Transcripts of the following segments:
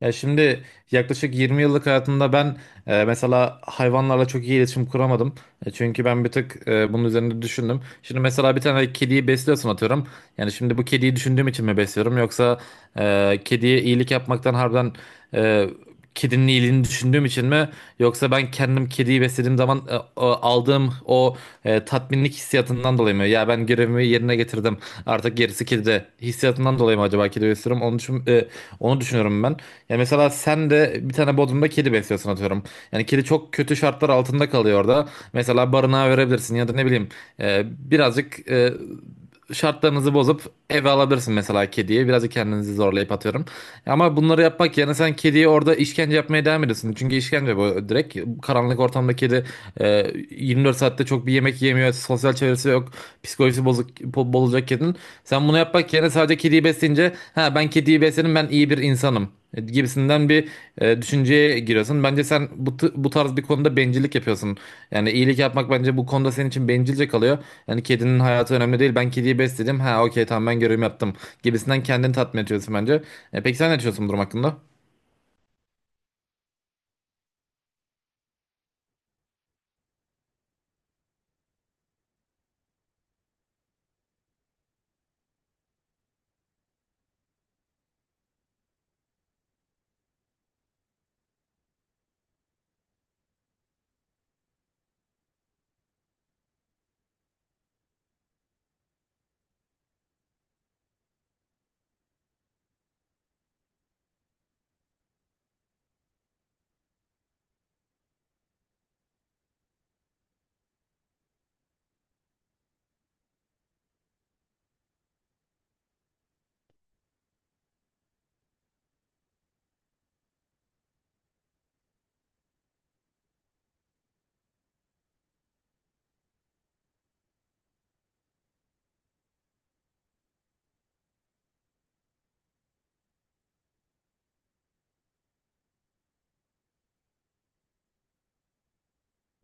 Ya şimdi yaklaşık 20 yıllık hayatımda ben mesela hayvanlarla çok iyi iletişim kuramadım. Çünkü ben bir tık bunun üzerinde düşündüm. Şimdi mesela bir tane kediyi besliyorsun atıyorum. Yani şimdi bu kediyi düşündüğüm için mi besliyorum yoksa kediye iyilik yapmaktan harbiden e, kedinin iyiliğini düşündüğüm için mi, yoksa ben kendim kediyi beslediğim zaman aldığım o tatminlik hissiyatından dolayı mı? Ya ben görevimi yerine getirdim, artık gerisi kedide hissiyatından dolayı mı acaba kedi besliyorum? Onu düşünüyorum ben. Ya mesela sen de bir tane bodrumda kedi besliyorsun atıyorum. Yani kedi çok kötü şartlar altında kalıyor orada. Mesela barınağa verebilirsin ya da ne bileyim e, birazcık şartlarınızı bozup eve alabilirsin mesela kediyi. Biraz da kendinizi zorlayıp atıyorum. Ama bunları yapmak yerine sen kediye orada işkence yapmaya devam ediyorsun. Çünkü işkence bu, direkt. Karanlık ortamda kedi e, 24 saatte çok bir yemek yemiyor. Sosyal çevresi yok. Psikolojisi bozuk, bozulacak kedinin. Sen bunu yapmak yerine sadece kediyi besleyince, ha, ben kediyi besledim, ben iyi bir insanım, gibisinden bir düşünceye giriyorsun. Bence sen bu tarz bir konuda bencillik yapıyorsun. Yani iyilik yapmak bence bu konuda senin için bencilce kalıyor. Yani kedinin hayatı önemli değil. Ben kediyi besledim. Ha, okey, tamam, ben görevimi yaptım, gibisinden kendini tatmin ediyorsun bence. Peki sen ne düşünüyorsun bu durum hakkında?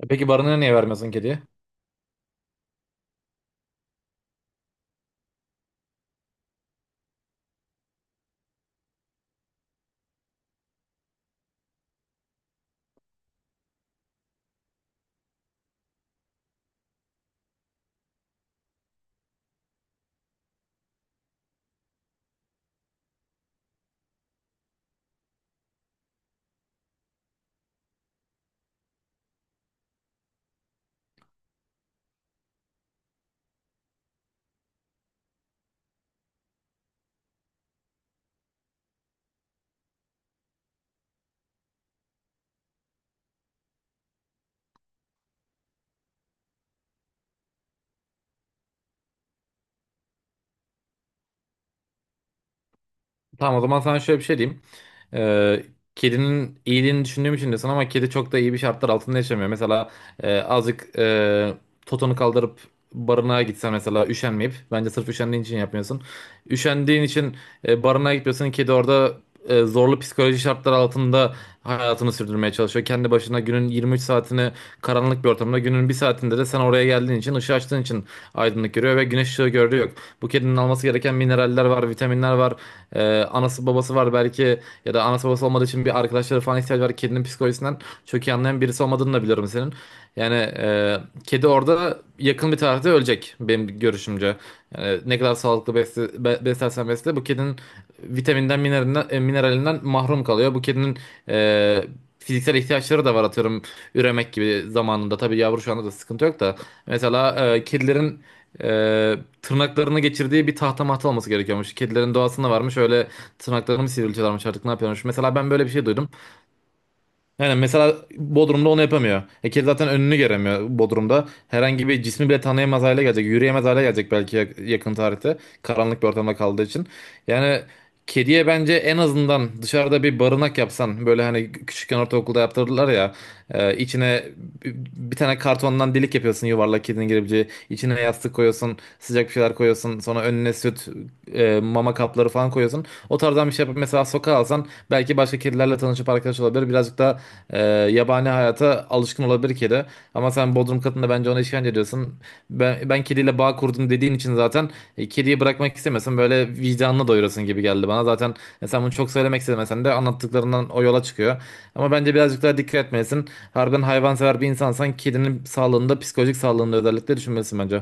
Peki barını niye vermiyorsun kediye? Tamam, o zaman sana şöyle bir şey diyeyim. Ee, Kedinin iyiliğini düşündüğüm için de sana, ama kedi çok da iyi bir şartlar altında yaşamıyor. Mesela azıcık totonu kaldırıp barınağa gitsen mesela, üşenmeyip, bence sırf üşendiğin için yapmıyorsun. Üşendiğin için barınağa gitmiyorsun. Kedi orada zorlu psikoloji şartlar altında hayatını sürdürmeye çalışıyor. Kendi başına günün 23 saatini karanlık bir ortamda, günün bir saatinde de sen oraya geldiğin için, ışığı açtığın için aydınlık görüyor ve güneş ışığı gördüğü yok. Bu kedinin alması gereken mineraller var, vitaminler var. Anası babası var belki ya da anası babası olmadığı için bir arkadaşları falan ihtiyacı var. Kedinin psikolojisinden çok iyi anlayan birisi olmadığını da biliyorum senin. Yani kedi orada yakın bir tarihte ölecek benim görüşümce. Yani ne kadar sağlıklı beslersen besle, bu kedinin vitaminden, mineralinden, mineralinden mahrum kalıyor. Bu kedinin e, fiziksel ihtiyaçları da var, atıyorum üremek gibi zamanında. Tabii yavru şu anda da sıkıntı yok da. Mesela kedilerin e, tırnaklarını geçirdiği bir tahta mahta olması gerekiyormuş. Kedilerin doğasında varmış öyle, tırnaklarını mı sivriltiyorlarmış artık ne yapıyormuş. Mesela ben böyle bir şey duydum. Yani mesela Bodrum'da onu yapamıyor. Hekel zaten önünü göremiyor Bodrum'da. Herhangi bir cismi bile tanıyamaz hale gelecek. Yürüyemez hale gelecek belki yakın tarihte. Karanlık bir ortamda kaldığı için. Yani kediye bence en azından dışarıda bir barınak yapsan, böyle hani küçükken ortaokulda yaptırdılar ya, içine bir bir tane kartondan delik yapıyorsun yuvarlak, kedinin girebileceği, içine yastık koyuyorsun, sıcak bir şeyler koyuyorsun, sonra önüne süt, mama kapları falan koyuyorsun, o tarzdan bir şey yapıp mesela sokağa alsan, belki başka kedilerle tanışıp arkadaş olabilir, birazcık da yabani hayata alışkın olabilir kedi. Ama sen Bodrum katında bence ona işkence ediyorsun. Ben kediyle bağ kurdum dediğin için zaten kediyi bırakmak istemesin, böyle vicdanını doyurasın gibi geldi bana. Zaten sen bunu çok söylemek istemesen de anlattıklarından o yola çıkıyor. Ama bence birazcık daha dikkat etmelisin. Harbiden hayvansever bir insansan kedinin sağlığında, psikolojik sağlığında özellikle düşünmelisin bence.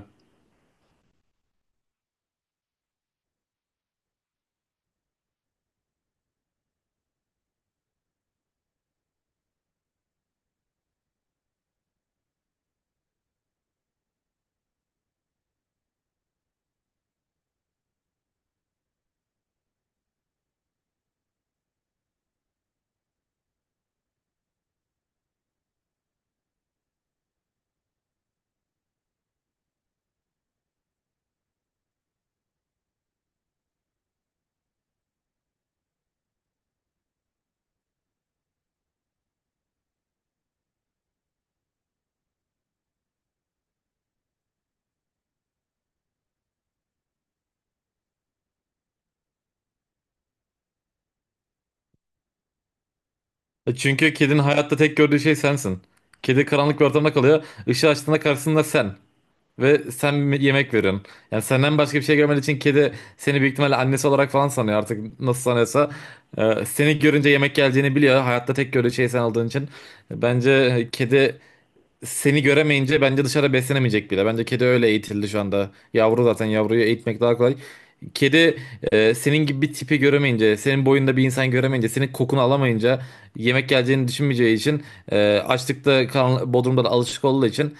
Çünkü kedinin hayatta tek gördüğü şey sensin. Kedi karanlık bir ortamda kalıyor. Işığı açtığında karşısında sen. Ve sen bir yemek verin. Yani senden başka bir şey görmediği için kedi seni büyük ihtimalle annesi olarak falan sanıyor, artık nasıl sanıyorsa. Seni görünce yemek geleceğini biliyor. Hayatta tek gördüğü şey sen olduğun için. Bence kedi seni göremeyince bence dışarı beslenemeyecek bile. Bence kedi öyle eğitildi şu anda. Yavru zaten, yavruyu eğitmek daha kolay. Kedi senin gibi bir tipi göremeyince, senin boyunda bir insan göremeyince, senin kokunu alamayınca, yemek geleceğini düşünmeyeceği için, açlıkta, bodrumda da alışık olduğu için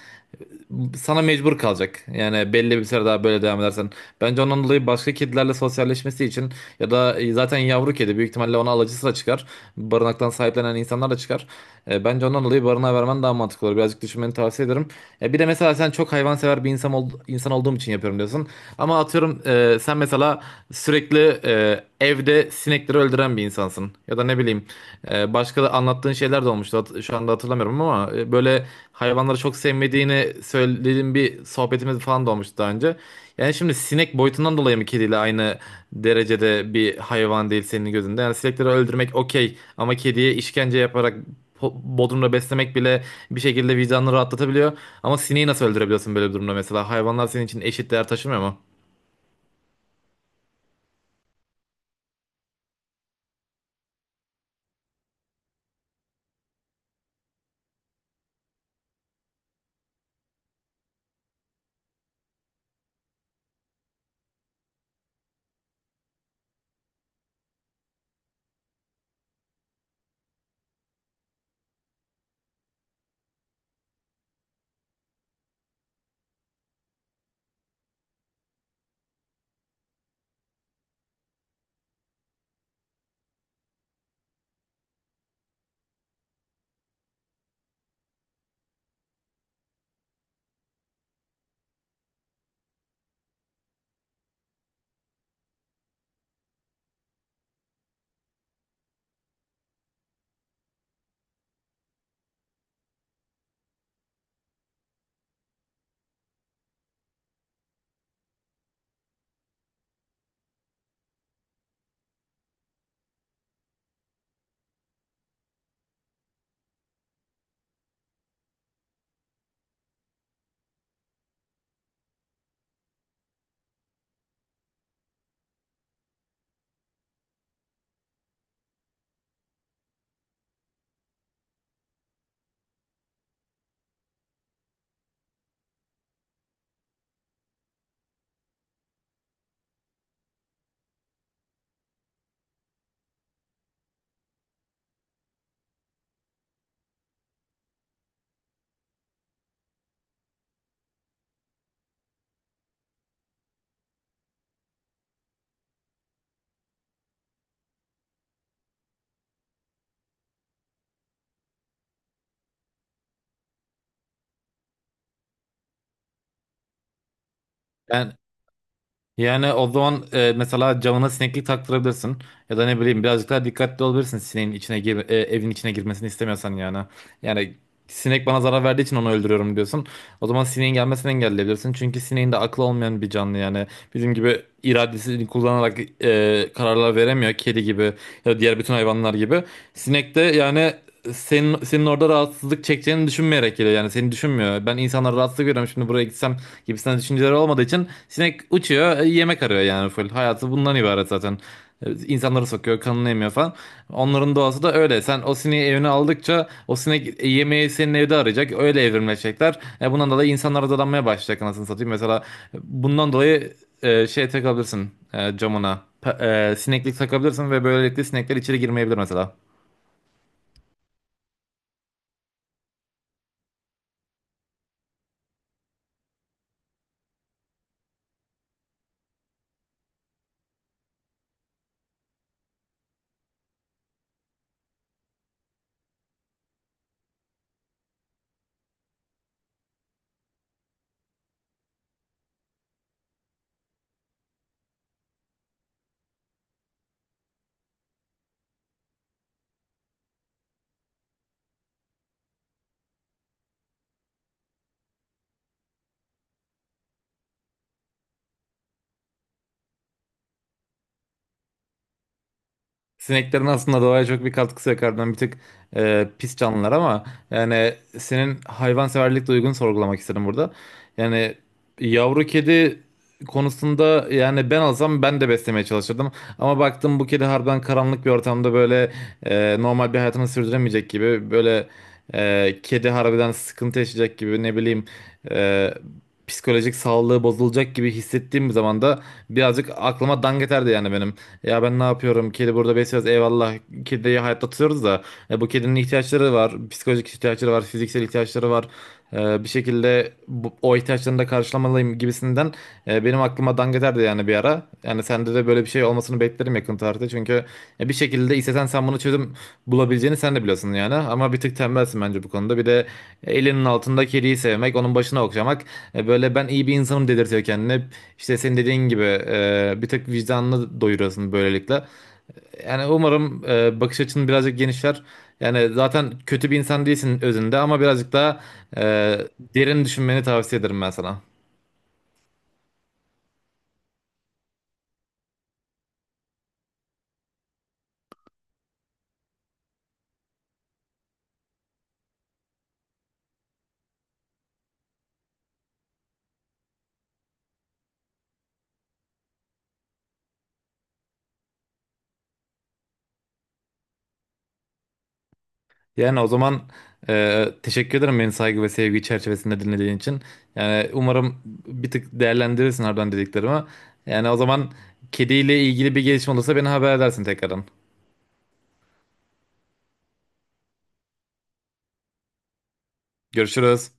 sana mecbur kalacak. Yani belli bir süre daha böyle devam edersen. Bence ondan dolayı başka kedilerle sosyalleşmesi için ya da zaten yavru kedi, büyük ihtimalle ona alıcısı da çıkar. Barınaktan sahiplenen insanlar da çıkar. Bence ondan dolayı barınağa vermen daha mantıklı olur. Birazcık düşünmeni tavsiye ederim. Bir de mesela sen çok hayvansever bir insan olduğum için yapıyorum diyorsun. Ama atıyorum sen mesela sürekli evde sinekleri öldüren bir insansın. Ya da ne bileyim, başka da anlattığın şeyler de olmuştu. Şu anda hatırlamıyorum ama böyle hayvanları çok sevmediğini söylediğin bir sohbetimiz falan da olmuştu daha önce. Yani şimdi sinek boyutundan dolayı mı kediyle aynı derecede bir hayvan değil senin gözünde? Yani sinekleri öldürmek okey, ama kediye işkence yaparak bodrumda beslemek bile bir şekilde vicdanını rahatlatabiliyor. Ama sineği nasıl öldürebiliyorsun böyle bir durumda mesela? Hayvanlar senin için eşit değer taşımıyor mu? Ben Yani o zaman mesela camına sineklik taktırabilirsin. Ya da ne bileyim, birazcık daha dikkatli olabilirsin, sineğin evin içine girmesini istemiyorsan yani. Yani sinek bana zarar verdiği için onu öldürüyorum diyorsun. O zaman sineğin gelmesini engelleyebilirsin. Çünkü sineğin de aklı olmayan bir canlı yani. Bizim gibi iradesini kullanarak kararlar veremiyor. Kedi gibi ya da diğer bütün hayvanlar gibi. Sinek de yani senin orada rahatsızlık çekeceğini düşünmeyerek geliyor, yani seni düşünmüyor. Ben insanlara rahatsızlık veriyorum şimdi buraya gitsem gibisinden düşünceleri olmadığı için sinek uçuyor, yemek arıyor, yani full. Hayatı bundan ibaret zaten. İnsanları sokuyor, kanını emiyor falan. Onların doğası da öyle. Sen o sineği evine aldıkça o sinek yemeği senin evde arayacak. Öyle evrimleşecekler. E, bundan dolayı insanlara dadanmaya başlayacak anasını satayım. Mesela bundan dolayı takabilirsin camına. Sineklik takabilirsin ve böylelikle sinekler içeri girmeyebilir mesela. Sineklerin aslında doğaya çok bir katkısı yok. Harbiden bir tık pis canlılar, ama yani senin hayvanseverlik duygunu sorgulamak istedim burada. Yani yavru kedi konusunda, yani ben olsam ben de beslemeye çalışırdım. Ama baktım bu kedi harbiden karanlık bir ortamda böyle normal bir hayatını sürdüremeyecek gibi, böyle kedi harbiden sıkıntı yaşayacak gibi, ne bileyim e, psikolojik sağlığı bozulacak gibi hissettiğim bir zaman da birazcık aklıma dangeterdi yani benim. Ya ben ne yapıyorum? Kedi burada besliyoruz. Eyvallah. Kediyi hayatta tutuyoruz da bu kedinin ihtiyaçları var. Psikolojik ihtiyaçları var. Fiziksel ihtiyaçları var. Bir şekilde o ihtiyaçlarını da karşılamalıyım gibisinden benim aklıma dangeterdi yani bir ara. Yani sende de böyle bir şey olmasını beklerim yakın tarihte. Çünkü ya bir şekilde istesen sen bunu çözüm bulabileceğini sen de biliyorsun yani. Ama bir tık tembelsin bence bu konuda. Bir de elinin altında kediyi sevmek, onun başına okşamak, böyle ben iyi bir insanım dedirtiyor kendine. İşte senin dediğin gibi bir tık vicdanını doyuruyorsun böylelikle. Yani umarım bakış açın birazcık genişler. Yani zaten kötü bir insan değilsin özünde, ama birazcık daha e, derin düşünmeni tavsiye ederim ben sana. Yani o zaman teşekkür ederim beni saygı ve sevgi çerçevesinde dinlediğin için. Yani umarım bir tık değerlendirirsin oradan dediklerimi. Yani o zaman kediyle ilgili bir gelişme olursa beni haber edersin tekrardan. Görüşürüz.